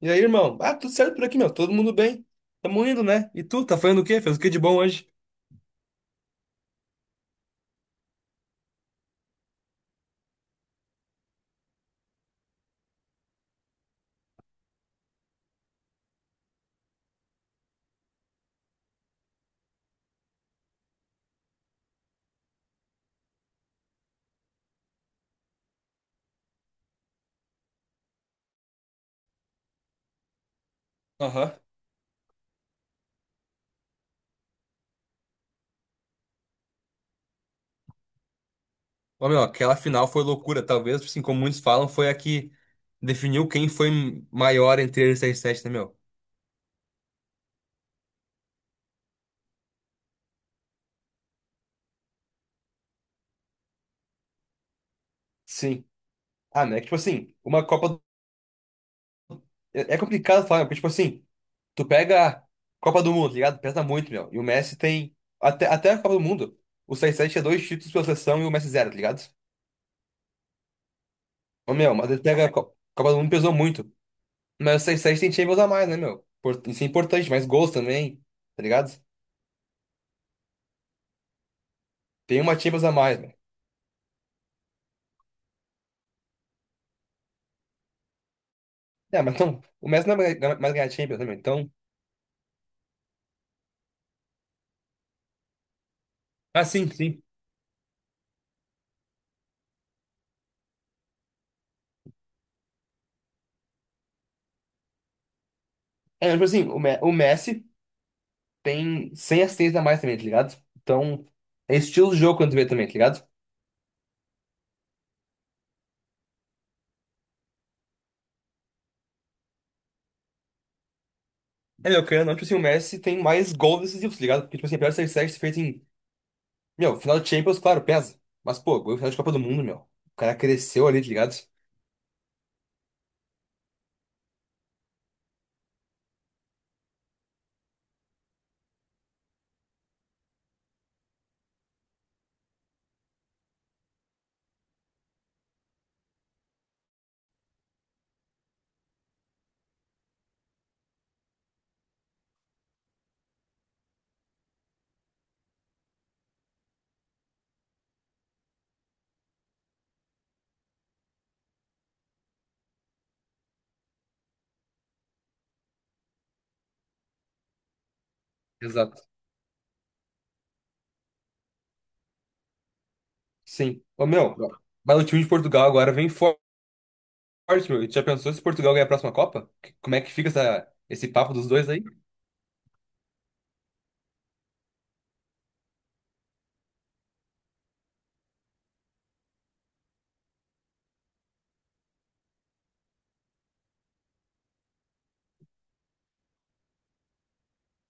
E aí, irmão? Ah, tudo certo por aqui, meu. Todo mundo bem. Tamo indo, né? E tu, tá fazendo o quê? Fez o que de bom hoje? Aham. Ô, meu, aquela final foi loucura. Talvez, assim, como muitos falam, foi a que definiu quem foi maior entre eles e 7, né, meu? Sim. Ah, né? Tipo assim, uma Copa. É complicado falar, porque, tipo assim, tu pega a Copa do Mundo, tá ligado? Pesa muito, meu. E o Messi tem. Até a Copa do Mundo, o seis sete tinha dois títulos pela seleção e o Messi zero, tá ligado? Ô, meu, mas ele pega a Copa do Mundo pesou muito. Mas vocês têm Champions a mais, né, meu? Isso é importante, mais gols também, tá ligado? Tem uma Champions a mais, né? É, mas então, o Messi não vai mais ganhar Champions, né, meu? Então. Ah, sim, sim. É, tipo assim, o Messi tem 100 assistências a mais também, tá ligado? Então, é estilo de jogo quando tu vê também, tá ligado? É, meu, querendo ou não, tipo assim, o Messi tem mais gols decisivos, tá ligado? Porque, tipo assim, apesar de ser 7 feito em. Meu, final de Champions, claro, pesa. Mas, pô, gol em final de Copa do Mundo, meu. O cara cresceu ali, tá ligado? Exato. Sim. Ô, meu, mas o time de Portugal agora vem forte, meu. E tu já pensou se Portugal ganhar a próxima Copa? Como é que fica esse papo dos dois aí?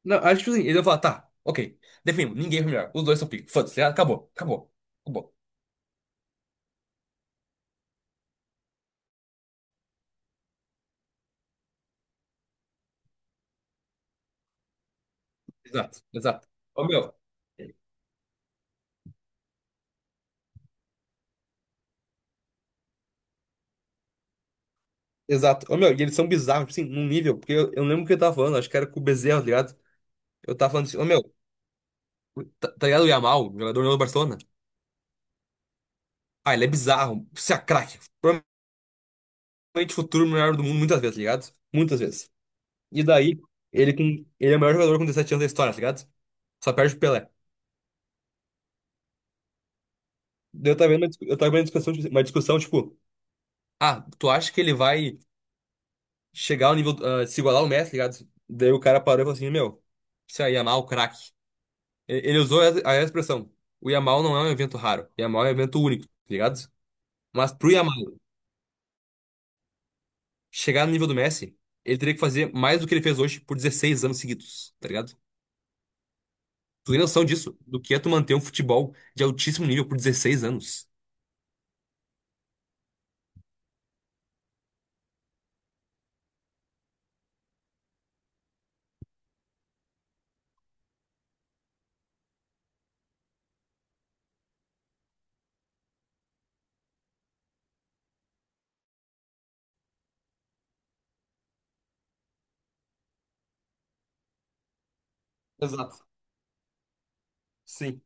Não, acho que tipo assim, ele vai falar, tá, ok. Definimos, ninguém foi melhor. Os dois são pica. Foda-se, ah, acabou, acabou, acabou. Exato, exato. Ô, meu. Exato. Ô, meu, e eles são bizarros, tipo assim, num nível, porque eu lembro o que eu tava falando, acho que era com o Bezerra, tá ligado? Eu tava falando assim, ô, meu, tá ligado o Yamal, jogador do Barcelona? Ah, ele é bizarro, você é craque, realmente futuro melhor do mundo muitas vezes, tá ligado? Muitas vezes. E daí, ele, com, ele é o maior jogador com 17 anos da história, tá ligado? Só perde o Pelé. Daí, eu tava vendo uma discussão, tipo, ah, tu acha que ele vai chegar ao nível, ah, se igualar ao Messi, tá ligado? Daí o cara parou e falou assim, meu, isso aí, Yamal, craque. Ele usou a expressão, o Yamal não é um evento raro, Yamal é um evento único, tá ligado? Mas pro Yamal chegar no nível do Messi, ele teria que fazer mais do que ele fez hoje por 16 anos seguidos, tá ligado? Tu tem noção disso? Do que é tu manter um futebol de altíssimo nível por 16 anos? Exato. Sim.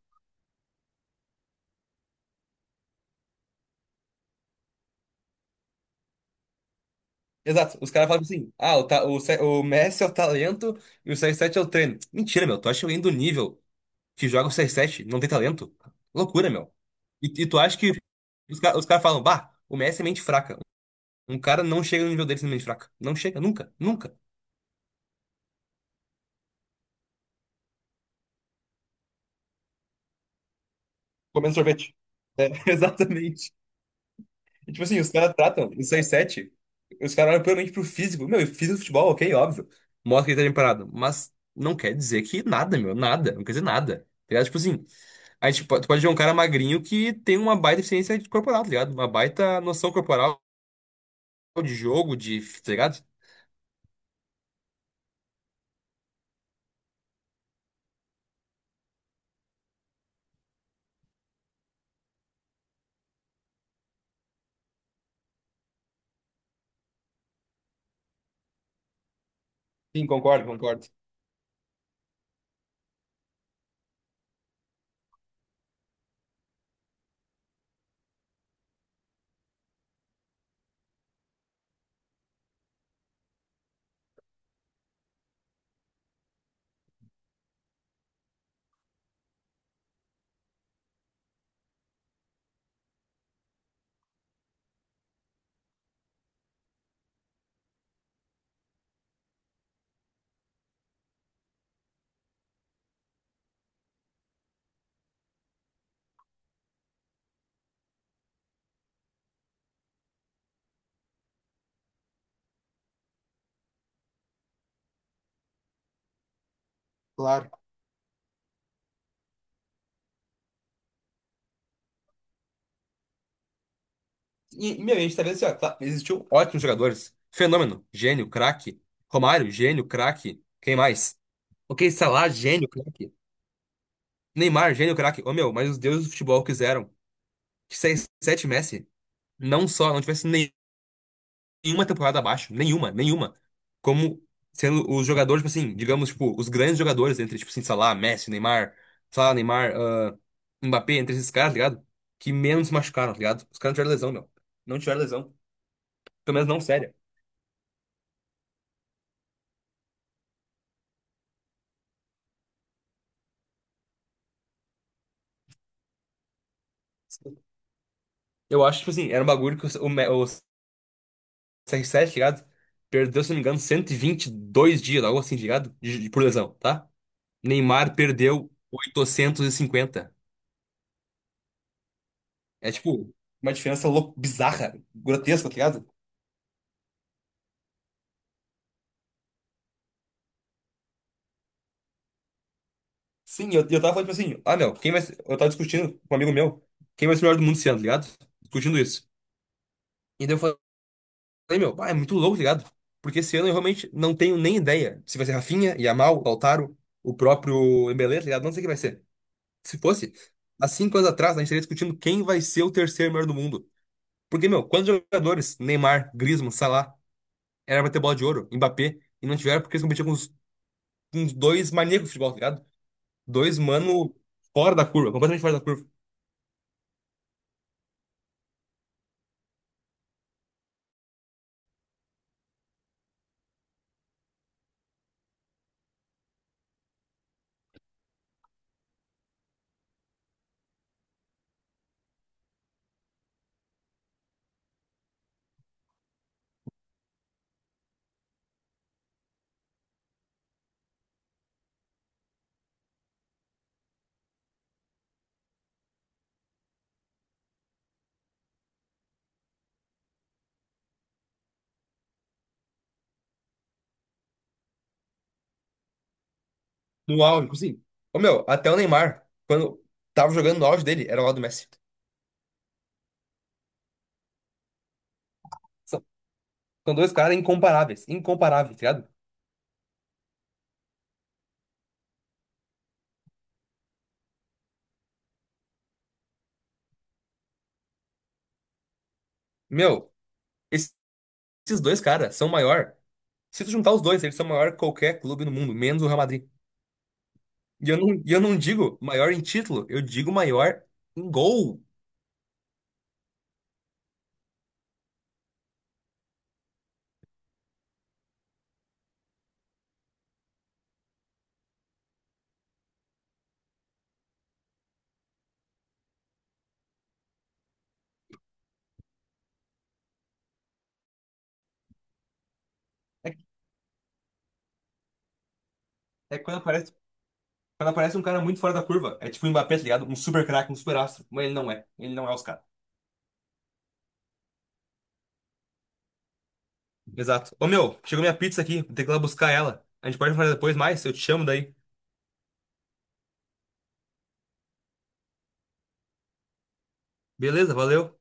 Exato. Os caras falam assim: ah, o Messi é o talento e o CR7 é o treino. Mentira, meu. Tu acha que alguém do nível que joga o CR7 não tem talento? Loucura, meu. E tu acha que os caras falam: bah, o Messi é mente fraca. Um cara não chega no nível dele sendo mente fraca. Não chega, nunca, nunca. Comendo sorvete. É, exatamente. E, tipo assim, os caras tratam os seis sete, os caras olham puramente pro físico. Meu, eu fiz o futebol, ok, óbvio. Mostra que ele tá bem parado. Mas não quer dizer que nada, meu, nada. Não quer dizer nada. Tá ligado? Tipo assim, tu pode ver um cara magrinho que tem uma baita eficiência corporal, tá ligado? Uma baita noção corporal de jogo, de, tá ligado? Sim, concordo, concordo. Claro. E, meu, a gente tá vendo assim, ó, tá, existiu ótimos jogadores. Fenômeno, gênio, craque. Romário, gênio, craque. Quem mais? Ok, Salah, gênio, craque. Neymar, gênio, craque. Ô, meu, mas os deuses do futebol quiseram que 6-7 Messi não só não tivesse nenhuma temporada abaixo, nenhuma, nenhuma, como sendo os jogadores, tipo assim, digamos, tipo, os grandes jogadores entre, tipo assim, Salah, Messi, Neymar, Salah, Neymar, ah, Mbappé, entre esses caras, tá ligado? Que menos se machucaram, tá ligado? Os caras não tiveram lesão, meu. Não tiveram lesão. Pelo menos não séria. Eu acho, tipo assim, era um bagulho que o CR7, ligado? Perdeu, se não me engano, 122 dias, algo assim, tá ligado? Por lesão, tá? Neymar perdeu 850. É tipo, uma diferença louca, bizarra, grotesca, tá ligado? Sim, eu tava falando, tipo assim, ah, meu, quem vai ser... Eu tava discutindo com um amigo meu, quem vai ser o melhor do mundo esse ano, tá ligado? Discutindo isso. E daí eu falei, meu, pá, é muito louco, tá ligado? Porque esse ano eu realmente não tenho nem ideia se vai ser Rafinha, Yamal, Lautaro, o próprio Embele, tá ligado? Não sei quem vai ser. Se fosse, há 5 anos atrás, a gente estaria discutindo quem vai ser o terceiro melhor do mundo. Porque, meu, quantos jogadores? Neymar, Griezmann, Salah, era pra ter bola de ouro, Mbappé, e não tiveram porque eles competiam com uns, dois maníacos de futebol, tá ligado? Dois mano fora da curva, completamente fora da curva. No auge, tipo assim. Ô meu, até o Neymar, quando tava jogando no auge dele, era lá do Messi. São, são dois caras incomparáveis, incomparáveis, tá ligado? Meu, esses esses dois caras são maior. Se tu juntar os dois, eles são maior que qualquer clube no mundo, menos o Real Madrid. E eu não digo maior em título, eu digo maior em gol. É, é quando aparece. Quando aparece um cara muito fora da curva, é tipo o Mbappé, tá ligado? Um super craque, um super astro. Mas ele não é. Ele não é os caras. Exato. Ô meu, chegou minha pizza aqui. Vou ter que ir lá buscar ela. A gente pode falar depois mais? Eu te chamo daí. Beleza, valeu.